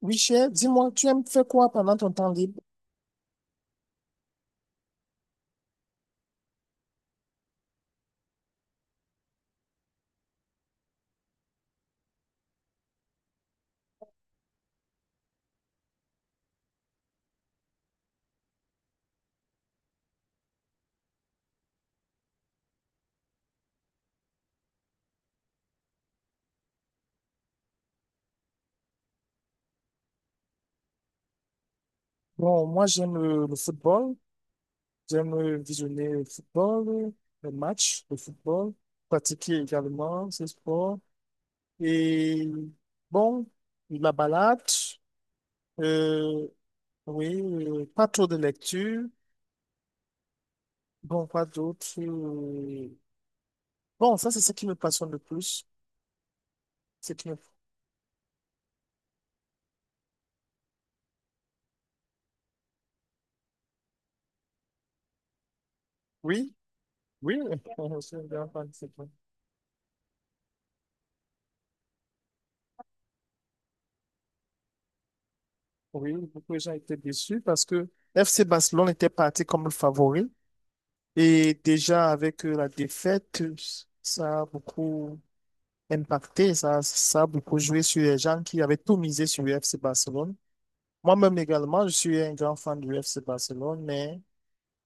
Oui, cher, dis-moi, tu aimes faire quoi pendant ton temps libre? Bon, moi, j'aime le football. J'aime visionner le football, les matchs de football, pratiquer également ce sport. Et bon, la balade, euh, oui, pas trop de lecture. Bon, quoi d'autre? Bon, ça, c'est ce qui me passionne le plus. C'est qui me- Oui, oui, je suis un grand fan de football. Oui, beaucoup de gens étaient déçus parce que FC Barcelone était parti comme le favori et déjà avec la défaite, ça a beaucoup impacté, ça a beaucoup joué sur les gens qui avaient tout misé sur le FC Barcelone. Moi-même également, je suis un grand fan du FC Barcelone, mais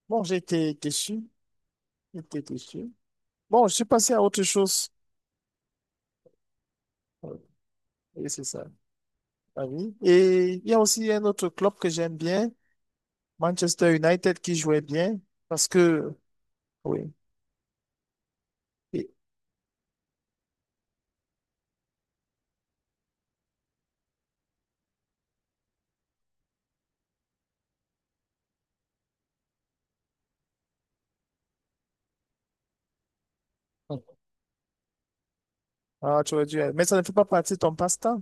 bon, j'ai été déçu. Bon, je suis passé à autre chose. Euh, Et c'est ça, la vie. Et il y a aussi un autre club que j'aime bien, Manchester United, qui jouait bien parce que... Oui. Et- Ah, tu aurais dû. Mais ça ne fait pas partie de ton passe-temps.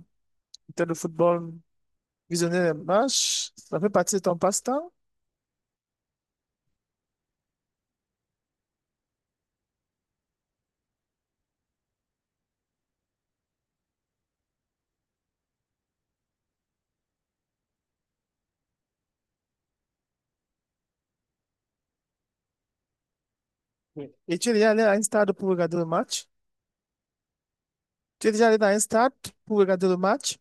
Peut-être le football. Visionner les matchs, ça fait partie de ton passe-temps? Oui. Et tu es déjà allé à un stade pour regarder le match? Tu es déjà allé dans un stade pour regarder le match?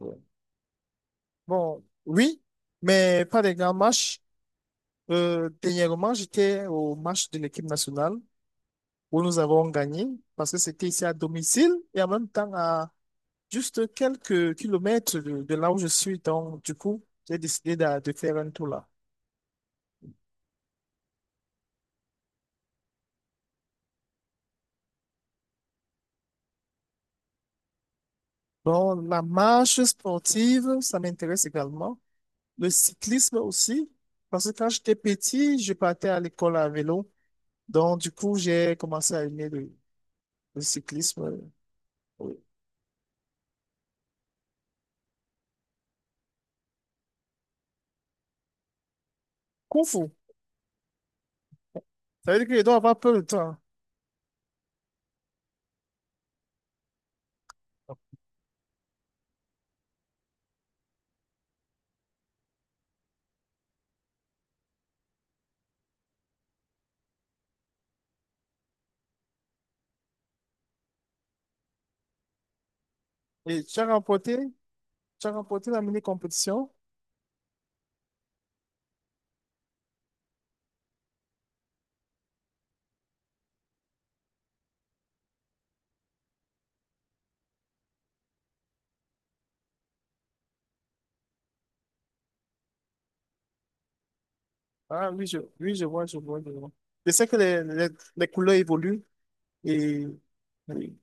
Oui. Bon, oui, mais pas des grands matchs. Dernièrement, j'étais au match de l'équipe nationale où nous avons gagné parce que c'était ici à domicile et en même temps à juste quelques kilomètres de là où je suis. Donc, du coup, j'ai décidé de faire un tour là. Bon, la marche sportive, ça m'intéresse également. Le cyclisme aussi, parce que quand j'étais petit, je partais à l'école à vélo. Donc, du coup, j'ai commencé à aimer le cyclisme. Oui. Kung Fu, ça veut dire que je dois avoir peu de temps. Et tu as remporté? Tu as remporté la mini-compétition? Ah oui, je vois, je vois, je vois. Je sais que les couleurs évoluent et, oui.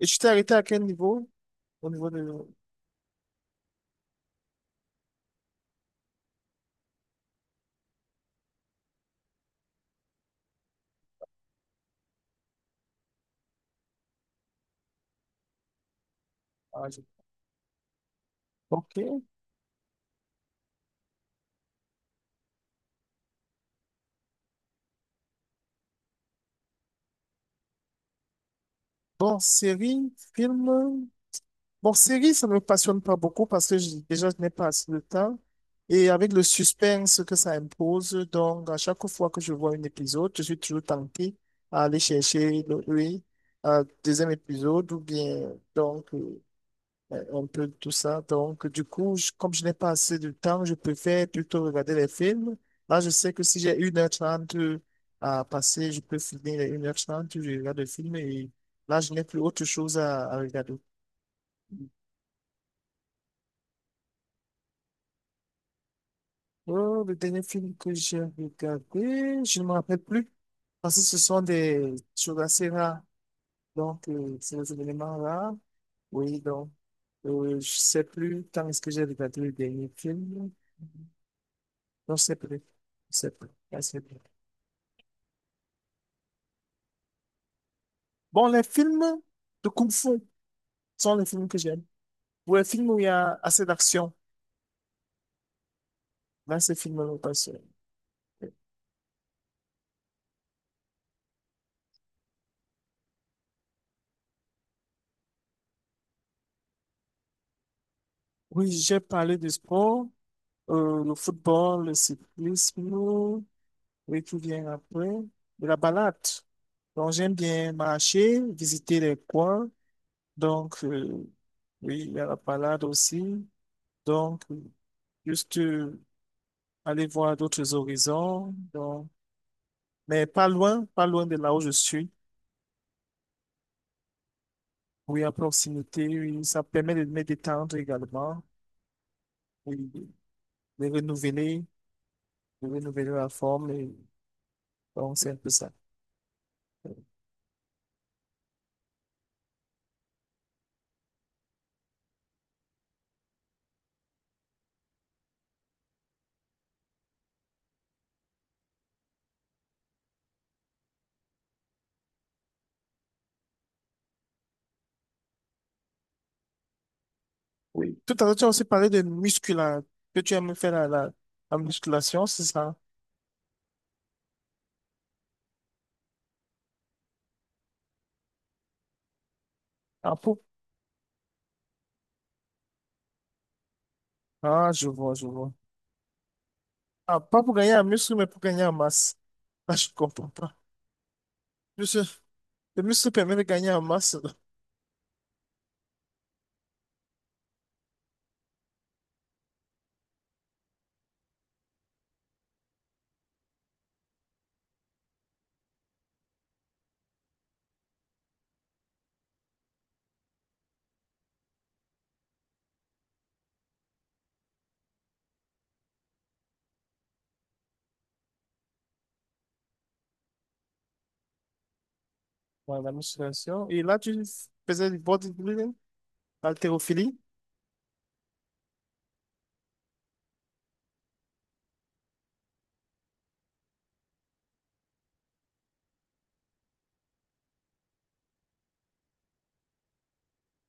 Et tu t'es arrêté à quel niveau? Au niveau de... ah, je- Ok. Bon, série, film. Bon, série, ça ne me passionne pas beaucoup parce que je- déjà, je n'ai pas assez de temps. Et avec le suspense que ça impose, donc à chaque fois que je vois un épisode, je suis toujours tenté à aller chercher le oui, deuxième épisode ou bien donc un peu tout ça. Donc du coup, je- comme je n'ai pas assez de temps, je préfère plutôt regarder les films. Là, je sais que si j'ai une heure trente à passer, je peux finir les 1h30, je regarde le film et là, je n'ai plus autre chose à regarder. Oh, le dernier film que j'ai regardé, je ne me rappelle plus. Parce que ce sont des choses assez rares. Donc, c'est des événements rares. Oui, donc, je ne sais plus quand est-ce que j'ai regardé le dernier film. Non, je sais plus. Je sais plus. Bon, les films de Kung Fu sont les films que j'aime. Ou les films où il y a assez d'action. Là, ces films-là, pas sûr. Oui, j'ai parlé du sport, le football, le cyclisme. Oui, qui vient après, de la balade. Donc, j'aime bien marcher, visiter les coins. Donc, oui, il y a la balade aussi. Donc, juste aller voir d'autres horizons. Donc, mais pas loin, pas loin de là où je suis. Oui, à proximité, oui, ça permet de me détendre également, oui, de de renouveler, de renouveler la forme. Et donc, c'est un peu ça. Tout à l'heure, tu as aussi parlé de musculation, que tu aimes faire la musculation, c'est ça? Ah, pour... ah, je vois, je vois. Ah, pas pour gagner en muscle, mais pour gagner en masse. Là, je comprends pas. Monsieur, le muscle permet de gagner en masse. Ouais, la musculation. Et là, tu faisais du bodybuilding, haltérophilie.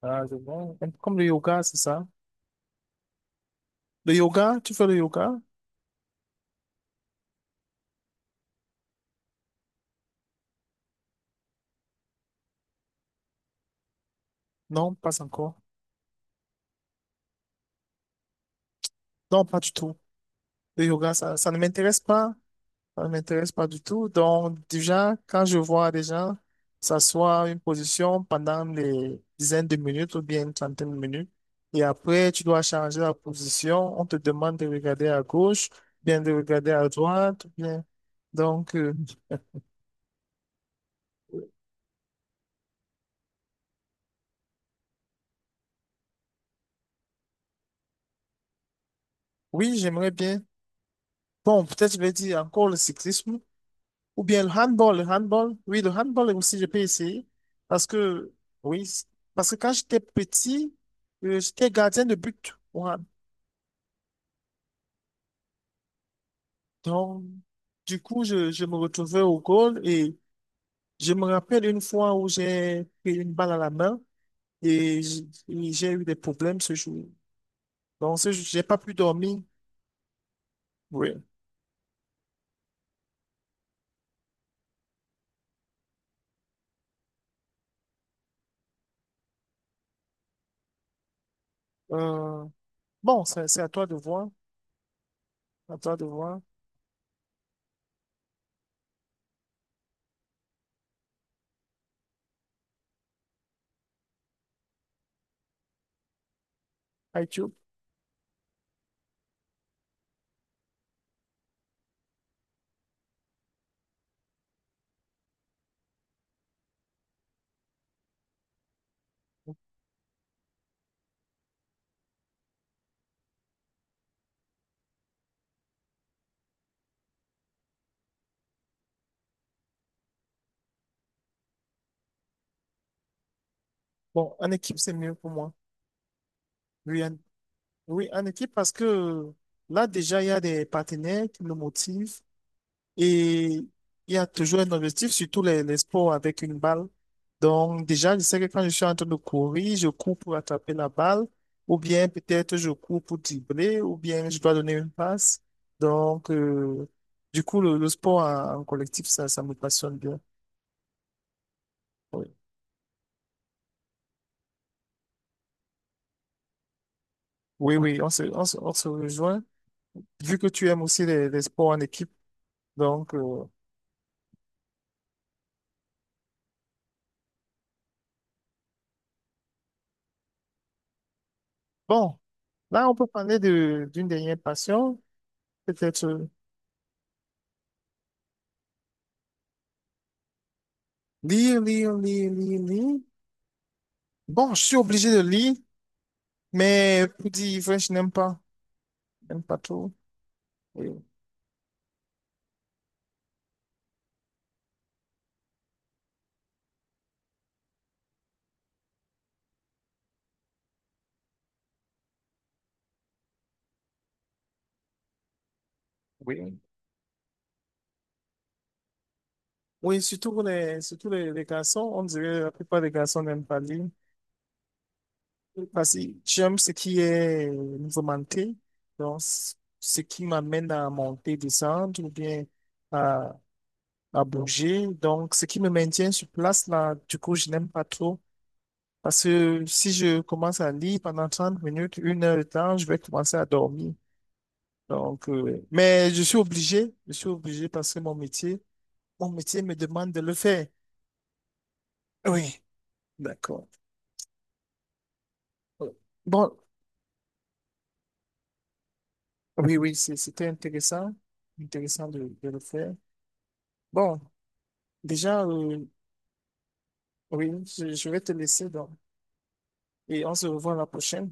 Ah, je vois. Un peu comme le yoga, c'est ça. Le yoga, tu fais le yoga? Non, pas encore. Non, pas du tout. Le yoga, ça ne m'intéresse pas. Ça ne m'intéresse pas du tout. Donc, déjà, quand je vois des gens s'asseoir une position pendant les dizaines de minutes ou bien une trentaine de minutes, et après, tu dois changer la position, on te demande de regarder à gauche, bien de regarder à droite, bien. Donc, oui, j'aimerais bien. Bon, peut-être je vais dire encore le cyclisme ou bien le handball. Le handball, oui, le handball aussi, je peux essayer parce que, oui, c- parce que quand j'étais petit, j'étais gardien de but au hand. Donc, du coup, je me retrouvais au goal et je me rappelle une fois où j'ai pris une balle à la main et j- et j'ai eu des problèmes ce jour. Donc, ce jour, j'ai pas pu dormir. Oui. Euh, bon, c'est à toi de voir. À toi de voir. Bon, en équipe, c'est mieux pour moi. Oui, en, oui, en équipe, parce que là, déjà, il y a des partenaires qui me motivent. Et il y a toujours un objectif, surtout les sports avec une balle. Donc, déjà, je sais que quand je suis en train de courir, je cours pour attraper la balle, ou bien peut-être je cours pour dribbler, ou bien je dois donner une passe. Donc, du coup, le sport en collectif, ça me passionne bien. Oui, oui, oui, on se rejoint, vu que tu aimes aussi les sports en équipe. Donc, bon, là, on peut parler d'une dernière passion, peut-être lire, lire. Bon, je suis obligé de lire, mais pour dire vrai, je n'aime pas. Je n'aime pas trop. Oui, oui, oui, surtout pour surtout les garçons, on dirait que la plupart des garçons n'aiment pas lire. Parce que j'aime ce qui est mouvementé, donc c- ce qui m'amène à monter, descendre ou bien à, à bouger. Donc, ce qui me maintient sur place, là, du coup, je n'aime pas trop. Parce que si je commence à lire pendant 30 minutes, 1 heure de temps, je vais commencer à dormir. Donc, mais je suis obligé parce que mon métier me demande de le faire. Oui, d'accord. Bon, oui, oui, c'était intéressant, intéressant de le faire. Bon, déjà, oui, je vais te laisser donc, et on se revoit la prochaine.